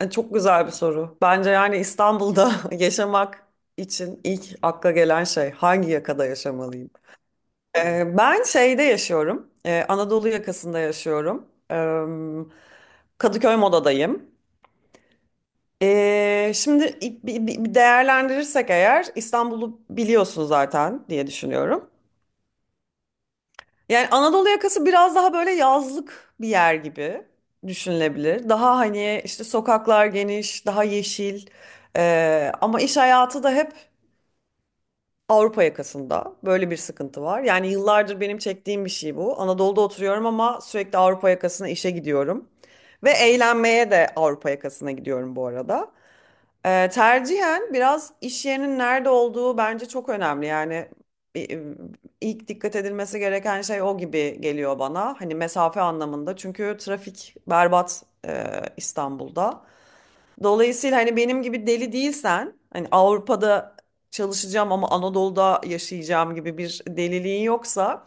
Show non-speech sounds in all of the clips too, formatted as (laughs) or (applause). Çok güzel bir soru. Bence yani İstanbul'da (laughs) yaşamak için ilk akla gelen şey hangi yakada yaşamalıyım? Ben yaşıyorum. Anadolu yakasında yaşıyorum. Kadıköy Moda'dayım. Şimdi değerlendirirsek eğer İstanbul'u biliyorsun zaten diye düşünüyorum. Yani Anadolu yakası biraz daha böyle yazlık bir yer gibi düşünülebilir. Daha hani işte sokaklar geniş, daha yeşil. Ama iş hayatı da hep Avrupa yakasında. Böyle bir sıkıntı var. Yani yıllardır benim çektiğim bir şey bu. Anadolu'da oturuyorum ama sürekli Avrupa yakasına işe gidiyorum. Ve eğlenmeye de Avrupa yakasına gidiyorum bu arada. Tercihen biraz iş yerinin nerede olduğu bence çok önemli. Yani e, ilk dikkat edilmesi gereken şey o gibi geliyor bana. Hani mesafe anlamında. Çünkü trafik berbat İstanbul'da. Dolayısıyla hani benim gibi deli değilsen, hani Avrupa'da çalışacağım ama Anadolu'da yaşayacağım gibi bir deliliğin yoksa,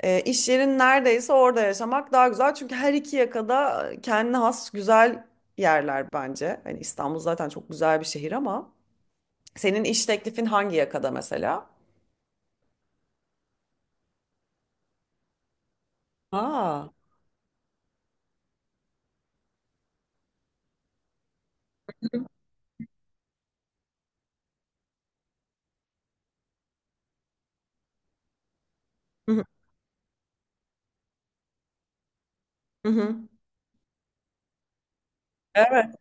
iş yerin neredeyse orada yaşamak daha güzel. Çünkü her iki yakada kendine has güzel yerler bence. Hani İstanbul zaten çok güzel bir şehir ama. Senin iş teklifin hangi yakada mesela? Aa, hı hı. Hı hı. Evet,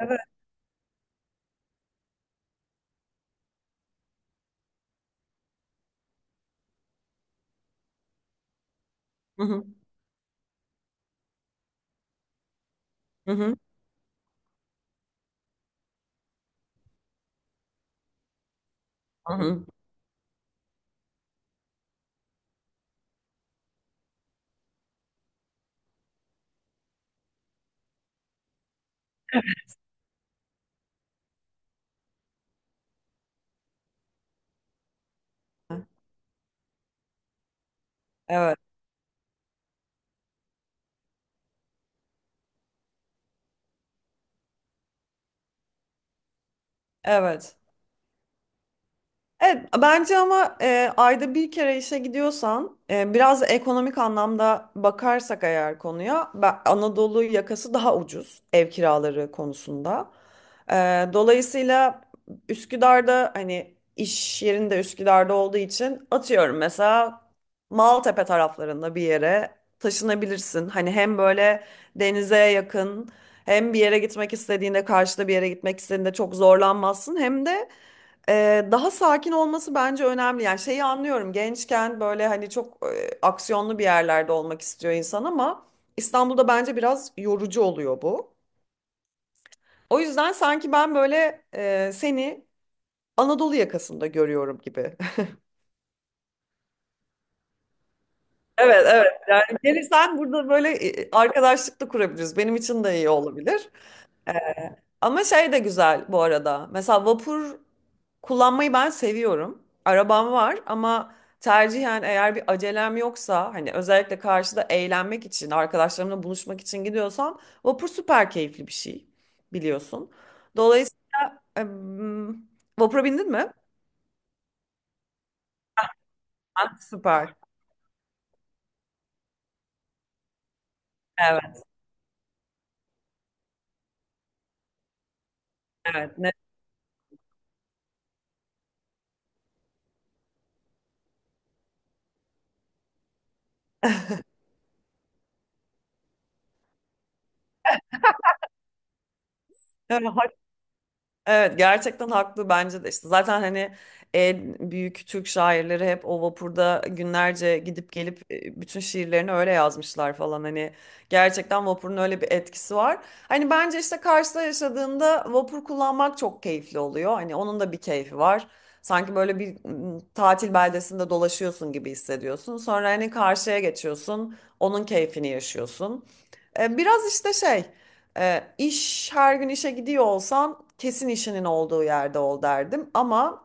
evet. Hı hı. Hı hı. Hı hı. Evet, evet. Evet, bence ama ayda bir kere işe gidiyorsan biraz da ekonomik anlamda bakarsak eğer konuya Anadolu yakası daha ucuz ev kiraları konusunda. E, Dolayısıyla Üsküdar'da hani iş yerinde Üsküdar'da olduğu için atıyorum mesela Maltepe taraflarında bir yere taşınabilirsin. Hani hem böyle denize yakın hem bir yere gitmek istediğinde karşıda bir yere gitmek istediğinde çok zorlanmazsın hem de daha sakin olması bence önemli. Yani şeyi anlıyorum. Gençken böyle hani çok aksiyonlu bir yerlerde olmak istiyor insan ama İstanbul'da bence biraz yorucu oluyor bu. O yüzden sanki ben böyle seni Anadolu yakasında görüyorum gibi. (laughs) Evet, evet. Yani (laughs) gelirsen burada böyle arkadaşlık da kurabiliriz. Benim için de iyi olabilir. Ama şey de güzel bu arada. Mesela vapur kullanmayı ben seviyorum. Arabam var ama tercihen eğer bir acelem yoksa hani özellikle karşıda eğlenmek için, arkadaşlarımla buluşmak için gidiyorsam vapur süper keyifli bir şey biliyorsun. Dolayısıyla vapura bindin mi? Ha, süper. Evet, evet. Ne? Evet, evet gerçekten haklı bence de işte zaten hani en büyük Türk şairleri hep o vapurda günlerce gidip gelip bütün şiirlerini öyle yazmışlar falan hani gerçekten vapurun öyle bir etkisi var. Hani bence işte Kars'ta yaşadığında vapur kullanmak çok keyifli oluyor hani onun da bir keyfi var. Sanki böyle bir tatil beldesinde dolaşıyorsun gibi hissediyorsun. Sonra hani karşıya geçiyorsun, onun keyfini yaşıyorsun. E, Biraz işte şey. E, iş her gün işe gidiyor olsan kesin işinin olduğu yerde ol derdim ama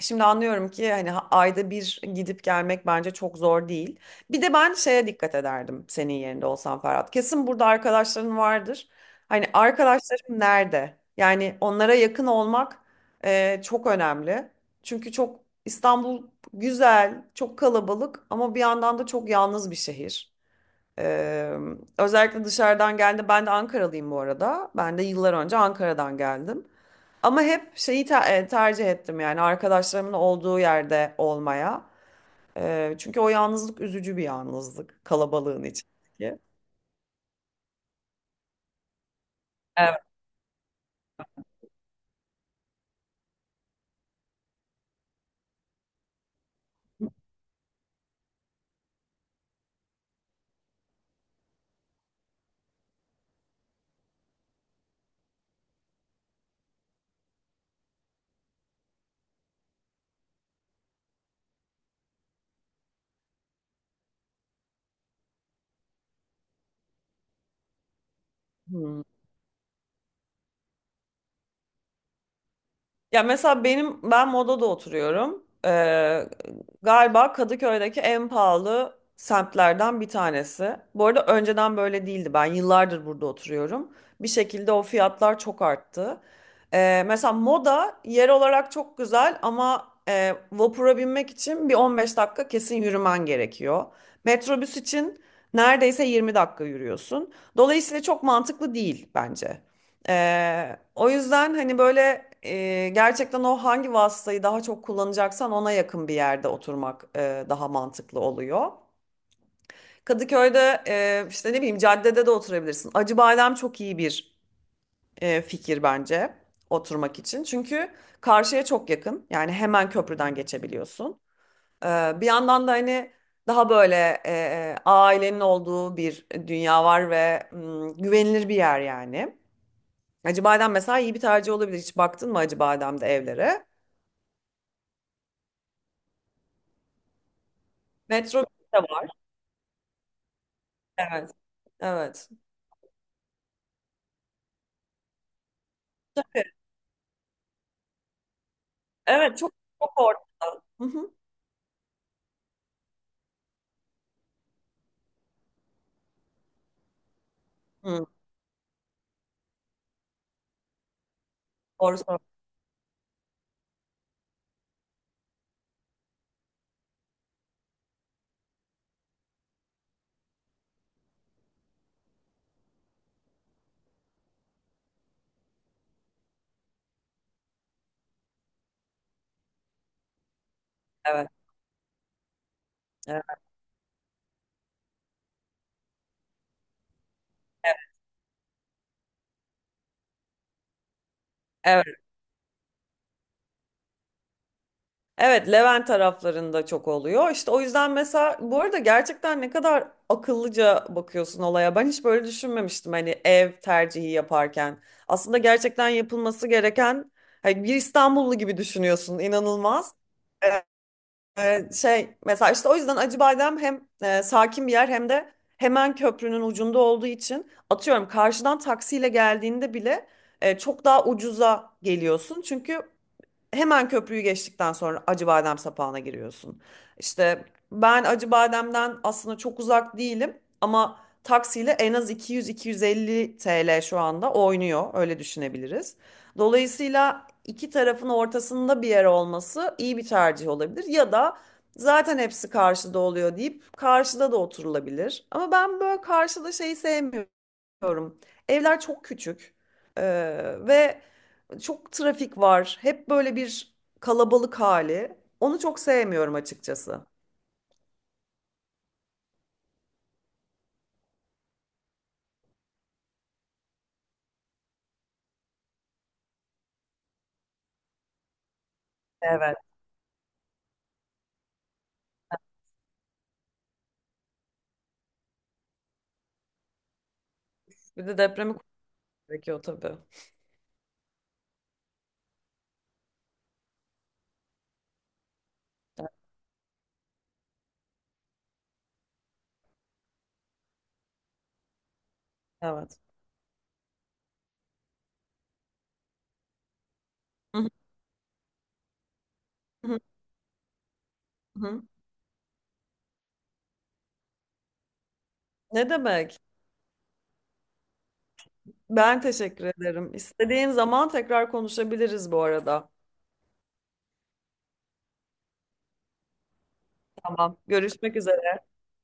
şimdi anlıyorum ki hani ayda bir gidip gelmek bence çok zor değil. Bir de ben şeye dikkat ederdim senin yerinde olsam Ferhat. Kesin burada arkadaşların vardır. Hani arkadaşlarım nerede? Yani onlara yakın olmak çok önemli. Çünkü çok İstanbul güzel, çok kalabalık ama bir yandan da çok yalnız bir şehir. Ee, Özellikle dışarıdan geldi. Ben de Ankaralıyım bu arada. Ben de yıllar önce Ankara'dan geldim. Ama hep tercih ettim yani arkadaşlarımın olduğu yerde olmaya. Çünkü o yalnızlık üzücü bir yalnızlık kalabalığın içindeki. Evet. Hmm. Ya mesela ben Moda'da oturuyorum. Galiba Kadıköy'deki en pahalı semtlerden bir tanesi. Bu arada önceden böyle değildi. Ben yıllardır burada oturuyorum. Bir şekilde o fiyatlar çok arttı. Mesela Moda yer olarak çok güzel ama vapura binmek için bir 15 dakika kesin yürümen gerekiyor. Metrobüs için neredeyse 20 dakika yürüyorsun. Dolayısıyla çok mantıklı değil bence. O yüzden hani böyle gerçekten o hangi vasıtayı daha çok kullanacaksan ona yakın bir yerde oturmak daha mantıklı oluyor. Kadıköy'de işte ne bileyim caddede de oturabilirsin. Acıbadem çok iyi bir fikir bence oturmak için. Çünkü karşıya çok yakın. Yani hemen köprüden geçebiliyorsun. Bir yandan da hani daha böyle ailenin olduğu bir dünya var ve güvenilir bir yer yani. Hacı Badem mesela iyi bir tercih olabilir. Hiç baktın mı Hacı Badem'de evlere? Metro de var. Evet. Evet. Evet çok çok ortada. Hı hı. Hı, doğru söylüyorsun. Evet. Evet. Evet. Evet, Levent taraflarında çok oluyor. İşte o yüzden mesela bu arada gerçekten ne kadar akıllıca bakıyorsun olaya. Ben hiç böyle düşünmemiştim hani ev tercihi yaparken. Aslında gerçekten yapılması gereken hani bir İstanbullu gibi düşünüyorsun. İnanılmaz. Ee, Şey mesela işte o yüzden Acı Badem hem sakin bir yer hem de hemen köprünün ucunda olduğu için atıyorum karşıdan taksiyle geldiğinde bile çok daha ucuza geliyorsun. Çünkü hemen köprüyü geçtikten sonra Acıbadem sapağına giriyorsun. İşte ben Acıbadem'den aslında çok uzak değilim ama taksiyle en az 200-250 TL şu anda oynuyor. Öyle düşünebiliriz. Dolayısıyla iki tarafın ortasında bir yer olması iyi bir tercih olabilir. Ya da zaten hepsi karşıda oluyor deyip karşıda da oturulabilir. Ama ben böyle karşıda şeyi sevmiyorum. Diyorum. Evler çok küçük Ee, ve çok trafik var. Hep böyle bir kalabalık hali. Onu çok sevmiyorum açıkçası. Evet. Bir de depremi konuşmak gerekiyor tabii. Evet. Hı hı, hı hı. Ne demek? Ben teşekkür ederim. İstediğin zaman tekrar konuşabiliriz bu arada. Tamam. Görüşmek üzere.